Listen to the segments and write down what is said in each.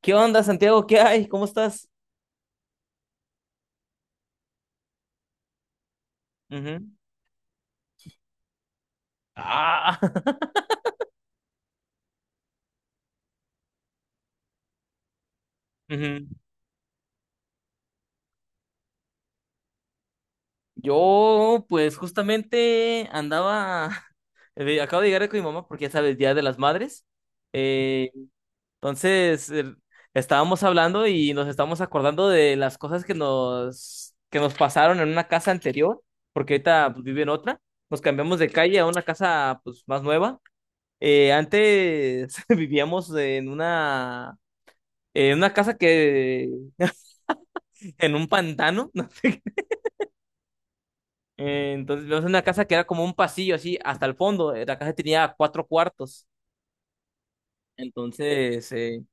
¿Qué onda, Santiago? ¿Qué hay? ¿Cómo estás? Ujú. Ah, ujú. Yo, pues justamente andaba, acabo de llegar con mi mamá porque ya sabes, Día de las Madres. Eh, entonces, eh, Estábamos hablando y nos estábamos acordando de las cosas que nos pasaron en una casa anterior, porque ahorita pues, vive en otra. Nos cambiamos de calle a una casa pues más nueva. Antes vivíamos en una casa que en un pantano, no sé. Entonces vimos una casa que era como un pasillo así hasta el fondo. La casa tenía 4 cuartos. Entonces, eh,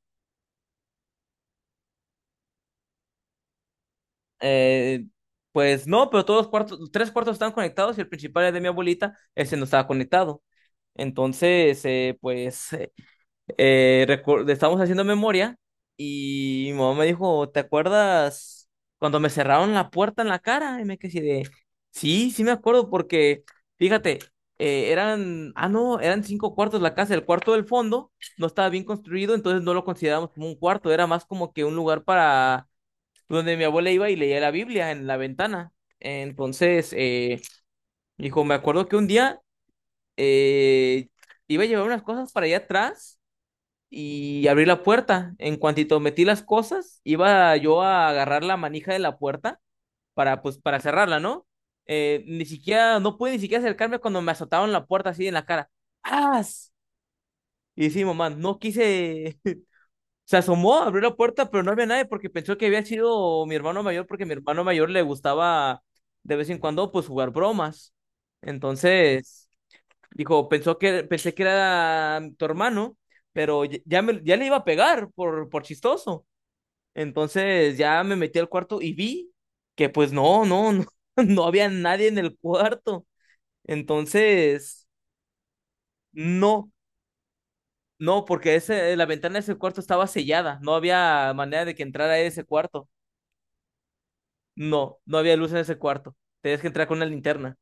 eh, pues no, pero todos los cuartos, 3 cuartos estaban conectados y el principal era de mi abuelita, ese no estaba conectado. Entonces, eh, pues Estábamos haciendo memoria y mi mamá me dijo, ¿te acuerdas cuando me cerraron la puerta en la cara? Y me quedé así de, sí, me acuerdo porque, fíjate, eran, no, eran 5 cuartos la casa. El cuarto del fondo no estaba bien construido, entonces no lo considerábamos como un cuarto, era más como que un lugar para donde mi abuela iba y leía la Biblia en la ventana. Entonces, eh, Dijo, me acuerdo que un día eh, iba a llevar unas cosas para allá atrás y abrí la puerta. En cuantito metí las cosas, iba yo a agarrar la manija de la puerta para, pues, para cerrarla, ¿no? Ni siquiera, no pude ni siquiera acercarme cuando me azotaron la puerta así en la cara. ¡Ah! Y sí, mamá, no quise. Se asomó, abrió la puerta, pero no había nadie porque pensó que había sido mi hermano mayor, porque a mi hermano mayor le gustaba de vez en cuando, pues, jugar bromas. Entonces. Dijo, pensé que era tu hermano, pero ya le iba a pegar por chistoso. Entonces ya me metí al cuarto y vi que pues no, no había nadie en el cuarto. Entonces, no, no, porque ese, la ventana de ese cuarto estaba sellada. No había manera de que entrara ese cuarto. No, no había luz en ese cuarto. Tenías que entrar con una linterna.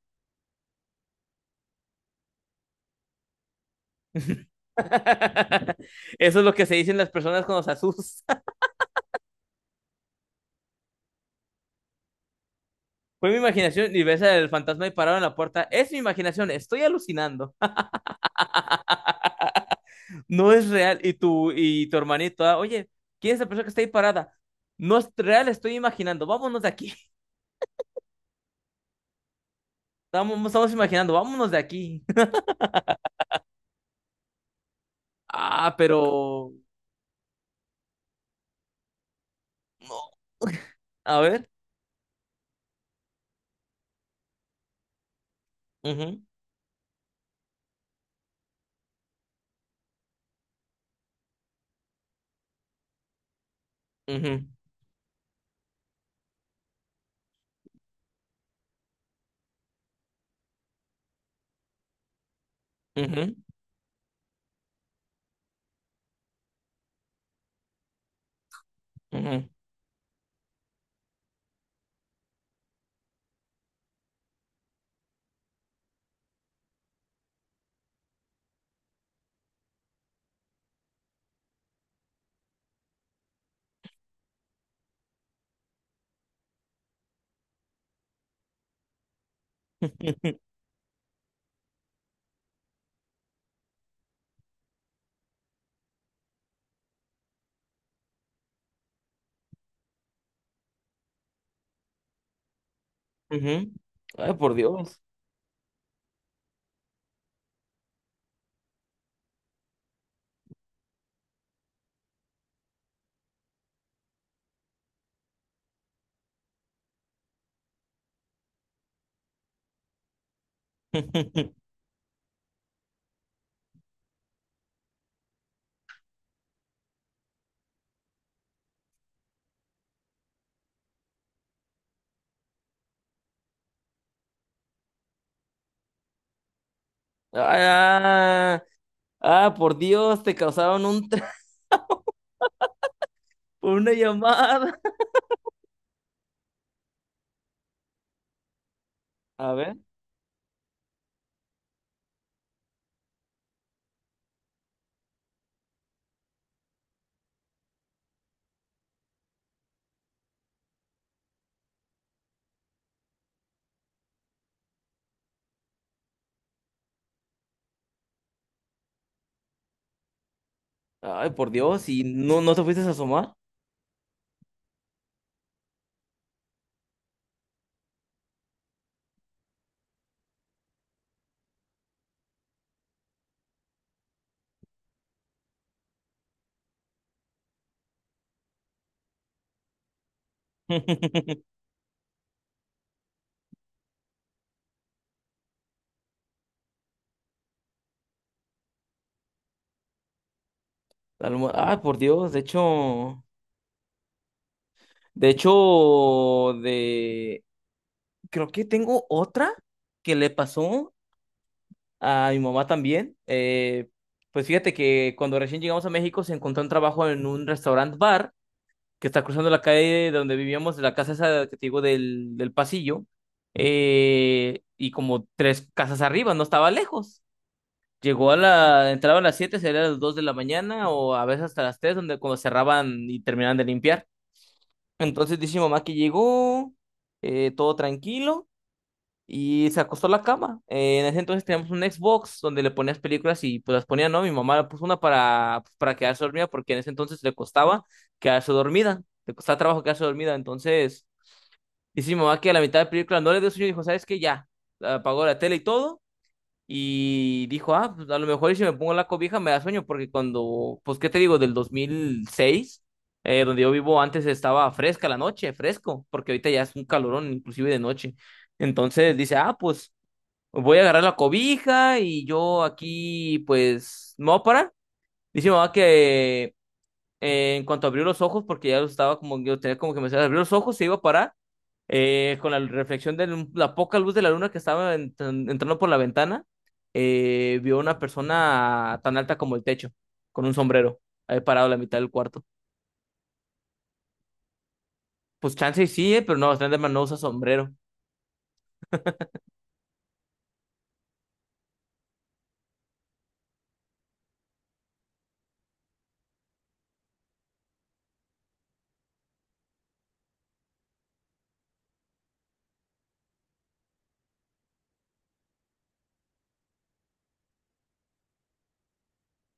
Eso es lo que se dicen las personas cuando se asustan. Fue mi imaginación y ves al fantasma ahí parado en la puerta. Es mi imaginación, estoy alucinando. No es real. Y tu hermanito, ah, oye, ¿quién es la persona que está ahí parada? No es real, estoy imaginando. Vámonos de aquí. Estamos imaginando, vámonos de aquí. Ah, pero... no. A ver. Ujú, ujú, ujú, ujú, ujú. Ujú. Ay, por Dios. Ah, por Dios, te causaron un... una llamada. A ver. Ay, por Dios, ¿y no, no te fuiste a asomar? Ay, por Dios, de hecho, de hecho, de creo que tengo otra que le pasó a mi mamá también. Pues fíjate que cuando recién llegamos a México se encontró un trabajo en un restaurant bar, que está cruzando la calle de donde vivíamos, de la casa esa que te digo del pasillo, y como 3 casas arriba, no estaba lejos. Llegó a la, entraba a las 7, sería a las 2 de la mañana o a veces hasta las 3 donde cuando cerraban y terminaban de limpiar. Entonces dice mi mamá que llegó, todo tranquilo. Y se acostó a la cama. En ese entonces teníamos un Xbox donde le ponías películas y pues las ponía, ¿no? Mi mamá le puso una para, pues, para quedarse dormida porque en ese entonces le costaba quedarse dormida. Le costaba trabajo quedarse dormida. Entonces, dice mi mamá que a la mitad de película no le dio sueño y dijo, ¿sabes qué? Ya. Apagó la tele y todo. Y dijo, ah, pues a lo mejor y si me pongo la cobija me da sueño, porque cuando, pues, ¿qué te digo? Del 2006, donde yo vivo antes estaba fresca la noche, fresco, porque ahorita ya es un calorón inclusive de noche. Entonces dice, ah, pues voy a agarrar la cobija y yo aquí, pues, me voy a parar. Dice mi mamá que en cuanto abrió los ojos, porque ya los estaba como, yo tenía como que me abrió los ojos, se iba a parar, con la reflexión de la poca luz de la luna que estaba entrando por la ventana, vio una persona tan alta como el techo, con un sombrero, ahí parado a la mitad del cuarto. Pues chance y sí, pero no, Slenderman no usa sombrero.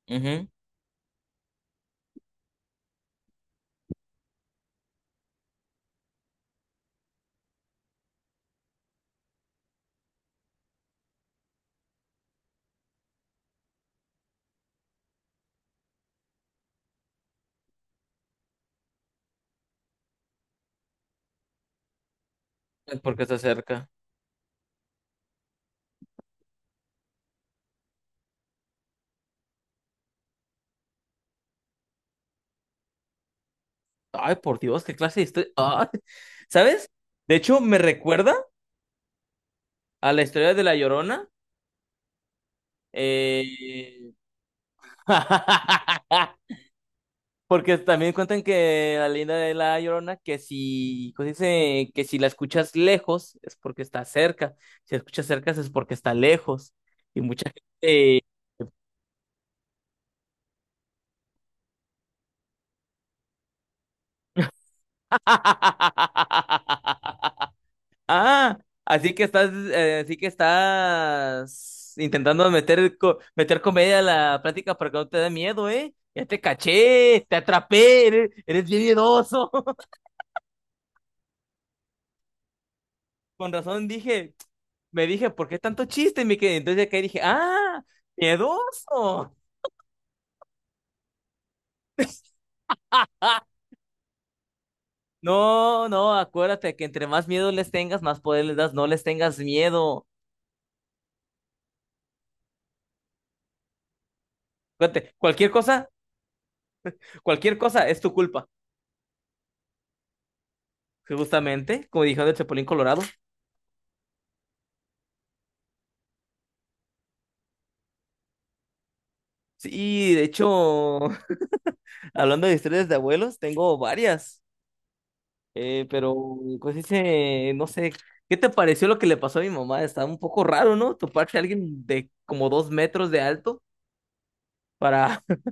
Ujú. Porque está cerca. Ay, por Dios, qué clase de historia. Ay, ¿sabes? De hecho, me recuerda a la historia de La Llorona. eh, Porque también cuentan que la leyenda de La Llorona, que si, ¿cómo se dice? Que si la escuchas lejos es porque está cerca. Si la escuchas cerca es porque está lejos. Y mucha gente... Ah, así que estás intentando meter, meter comedia a la plática para que no te dé miedo, ¿eh? Ya te caché, te atrapé, eres, eres bien miedoso. Con razón dije, me dije, ¿por qué tanto chiste, mi querido? Entonces acá dije, ah, miedoso. Ah, no, no, Acuérdate que entre más miedo les tengas, más poder les das, no les tengas miedo. Acuérdate, cualquier cosa es tu culpa, justamente, como dijeron el Chapulín Colorado. Sí, de hecho, hablando de historias de abuelos, tengo varias, pero pues dice, no sé, ¿qué te pareció lo que le pasó a mi mamá? Está un poco raro, ¿no? Toparse a alguien de como 2 metros de alto para...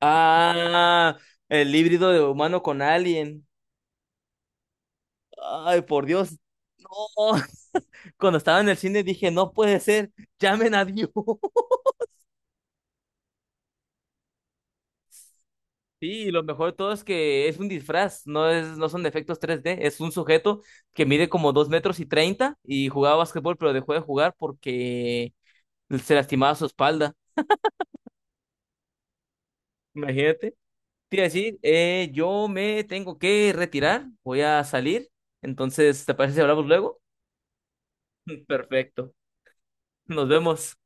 Ah, el híbrido de humano con alien. Ay, por Dios. Oh, cuando estaba en el cine dije, no puede ser, llamen a Dios. Sí, y lo mejor de todo es que es un disfraz, no es, no son efectos tres d, es un sujeto que mide como 2 metros y 30 y jugaba básquetbol, pero dejó de jugar porque se lastimaba su espalda. Imagínate. Te iba a decir, yo me tengo que retirar, voy a salir. Entonces, ¿te parece si hablamos luego? Perfecto. Nos vemos.